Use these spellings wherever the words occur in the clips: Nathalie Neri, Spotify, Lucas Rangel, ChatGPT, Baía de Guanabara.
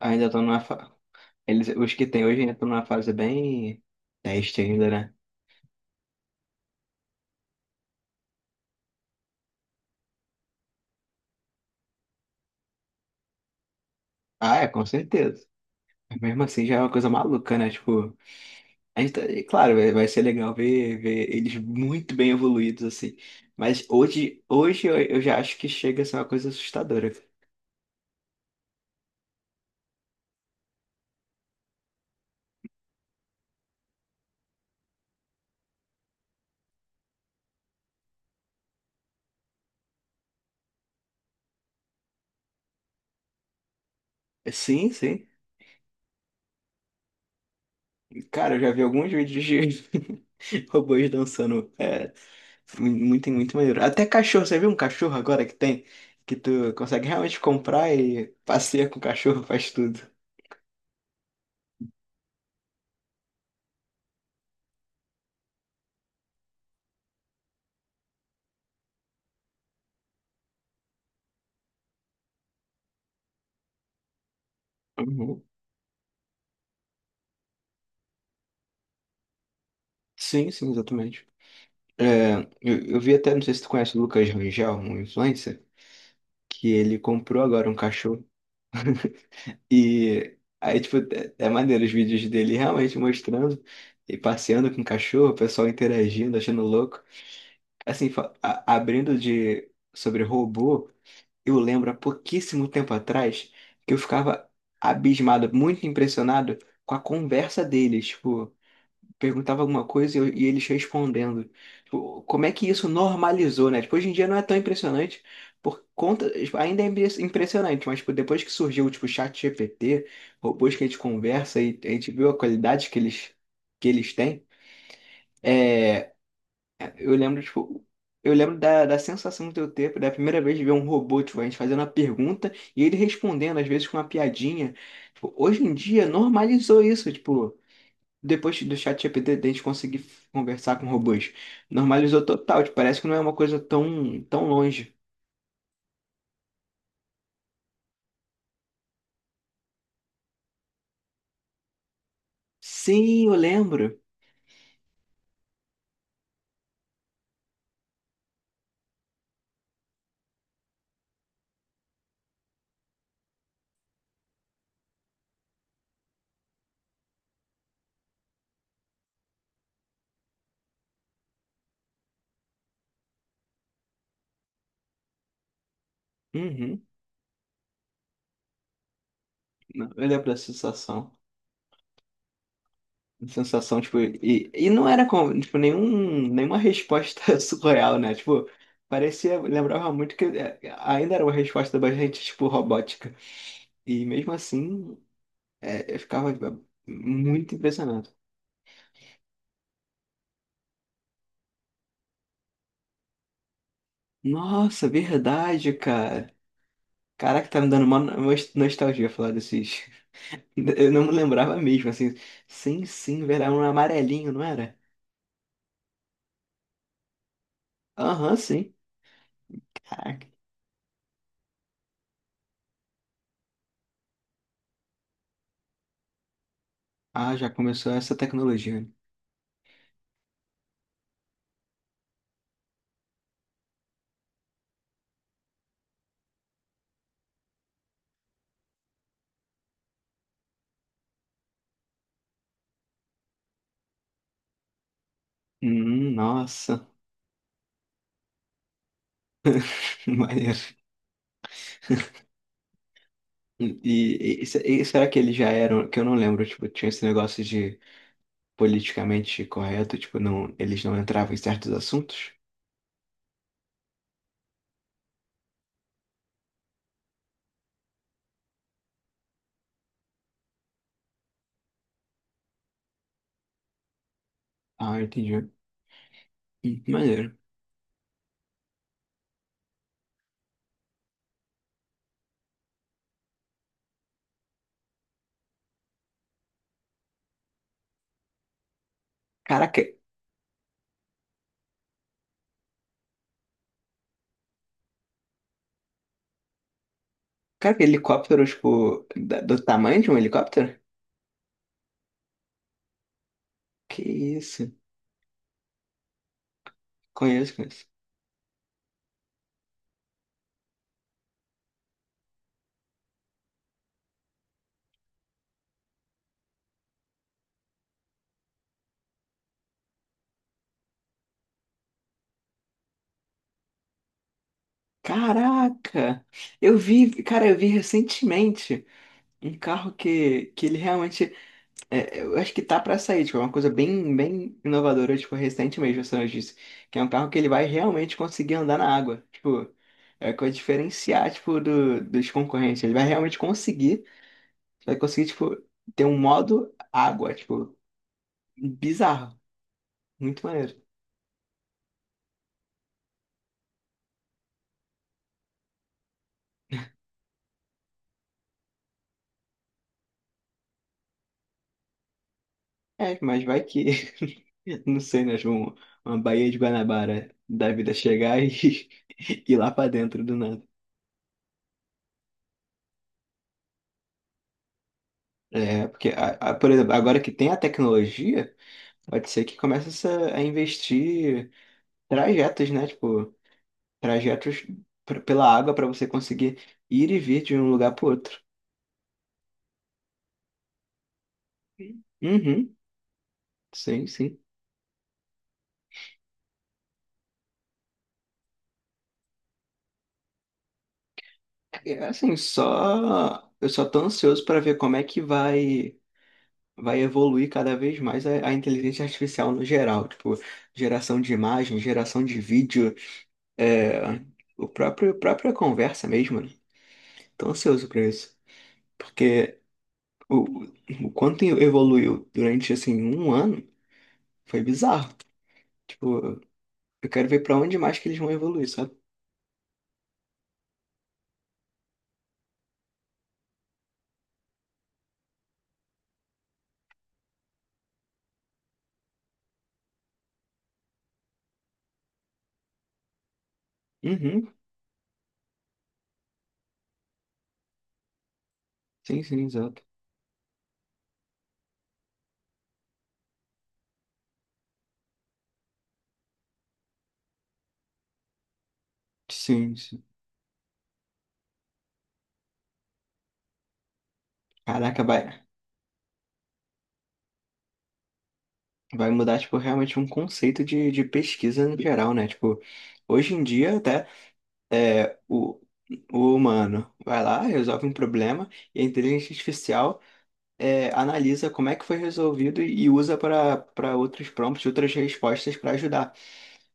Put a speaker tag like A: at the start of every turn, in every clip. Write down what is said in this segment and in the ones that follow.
A: Ainda estão numa Eles, os que tem hoje ainda estão numa fase bem teste ainda, né? Ah, é, com certeza. Mas mesmo assim já é uma coisa maluca, né? Tipo, a gente tá e claro, vai ser legal ver eles muito bem evoluídos, assim. Mas hoje eu já acho que chega a ser uma coisa assustadora. Sim, sim. Cara, eu já vi alguns vídeos de robôs dançando. É, muito maneiro. Até cachorro, você viu um cachorro agora que tem? Que tu consegue realmente comprar e passeia com o cachorro, faz tudo. Uhum. Sim, sim, exatamente. É, eu vi até, não sei se tu conhece o Lucas Rangel, um influencer, que ele comprou agora um cachorro. E aí, tipo, é maneiro os vídeos dele realmente mostrando e passeando com o cachorro, o pessoal interagindo, achando louco. Assim, abrindo de sobre robô, eu lembro há pouquíssimo tempo atrás que eu ficava abismado, muito impressionado com a conversa deles. Tipo, perguntava alguma coisa e, e eles respondendo. Tipo, como é que isso normalizou, né? Tipo, hoje em dia não é tão impressionante por conta, tipo, ainda é impressionante, mas tipo, depois que surgiu tipo o chat GPT, robôs que a gente conversa e a gente viu a qualidade que eles têm, é, eu lembro tipo eu lembro da sensação do eu ter da primeira vez de ver um robô, tipo, a gente fazendo uma pergunta e ele respondendo, às vezes com uma piadinha. Tipo, hoje em dia normalizou isso, tipo, depois do ChatGPT, a gente conseguir conversar com robôs. Normalizou total, tipo, parece que não é uma coisa tão longe. Sim, eu lembro. Uhum. Não, eu lembro da sensação. Sensação, tipo, e não era como, tipo, nenhuma resposta surreal, né? Tipo, parecia, lembrava muito que é, ainda era uma resposta bastante, tipo, robótica. E mesmo assim, eu ficava muito impressionado. Nossa, verdade, cara. Caraca, tá me dando uma nostalgia falar desses. Eu não me lembrava mesmo, assim. Sim, sim, velho, era um amarelinho, não era? Aham, sim. Caraca. Ah, já começou essa tecnologia, né? Nossa. Maneiro. E, e se- e será que eles já eram, que eu não lembro, tipo, tinha esse negócio de politicamente correto, tipo, não, eles não entravam em certos assuntos? Ah, entendi. Maneiro. Caraca, cara, aquele helicóptero, tipo, do tamanho de um helicóptero? Que isso? Conheço, conheço. Caraca! Eu vi, cara, eu vi recentemente um carro que ele realmente, eu acho que tá pra sair, tipo, é uma coisa bem inovadora, tipo, recente mesmo, essa notícia, que é um carro que ele vai realmente conseguir andar na água, tipo, é coisa diferenciar, tipo, dos concorrentes, ele vai realmente conseguir, vai conseguir, tipo, ter um modo água, tipo, bizarro, muito maneiro. É, mas vai que, não sei, né? Tipo, uma Baía de Guanabara da vida chegar e ir lá pra dentro do nada. É, porque, por exemplo, agora que tem a tecnologia, pode ser que comece a investir trajetos, né? Tipo, trajetos pela água para você conseguir ir e vir de um lugar para outro. Uhum, sim, sim. É, assim, só. Eu só tô ansioso para ver como é que vai. Vai evoluir cada vez mais a inteligência artificial no geral, tipo, geração de imagem, geração de vídeo, é, o próprio, a própria conversa mesmo, né? Tô ansioso para isso, porque o, o quanto evoluiu durante, assim, um ano foi bizarro. Tipo, eu quero ver para onde mais que eles vão evoluir, sabe? Uhum, sim, sim, exato. Sim, sim. Caraca, vai, vai mudar, tipo, realmente um conceito de pesquisa no geral, né? Tipo, hoje em dia até é, o, o humano vai lá, resolve um problema e a inteligência artificial analisa como é que foi resolvido e usa para outros prompts, outras respostas para ajudar.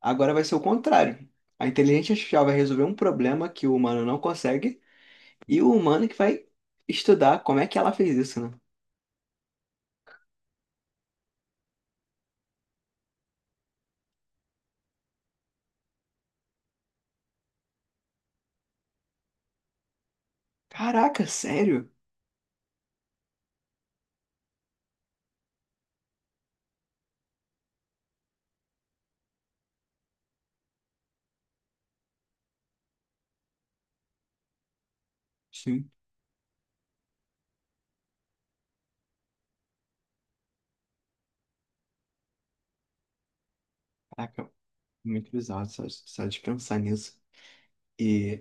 A: Agora vai ser o contrário. A inteligência artificial vai resolver um problema que o humano não consegue e o humano que vai estudar como é que ela fez isso, né? Caraca, sério? Caraca, muito bizarro só, só de pensar nisso. E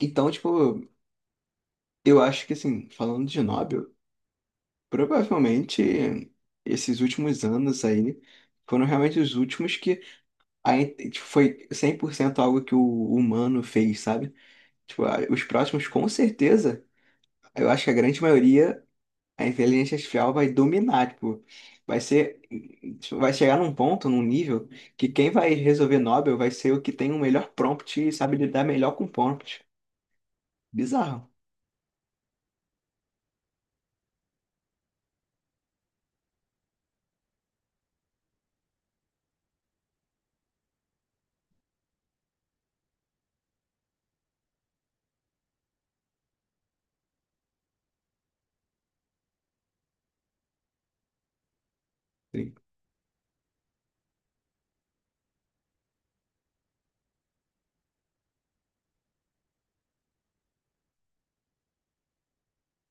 A: então, tipo, eu acho que assim, falando de Nobel, provavelmente esses últimos anos aí foram realmente os últimos que a tipo, foi 100% algo que o humano fez, sabe? Tipo, os próximos com certeza, eu acho que a grande maioria a inteligência artificial vai dominar, tipo, vai ser, tipo, vai chegar num ponto, num nível, que quem vai resolver Nobel vai ser o que tem o melhor prompt e sabe lidar melhor com prompt. Bizarro. Sim,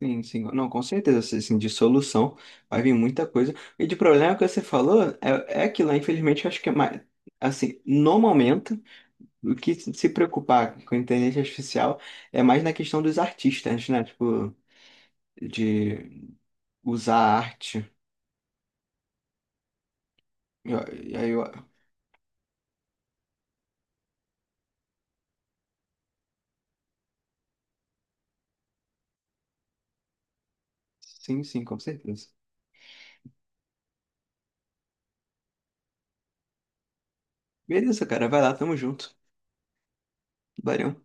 A: sim, sim. Não, com certeza, assim, assim, de solução vai vir muita coisa. E de problema que você falou, é que lá, infelizmente, eu acho que é mais, assim, no momento, o que se preocupar com a inteligência artificial é mais na questão dos artistas, né? Tipo, de usar a arte. Eu- eu- Sim, sim, com certeza. Beleza, cara, vai lá, tamo junto. Valeu.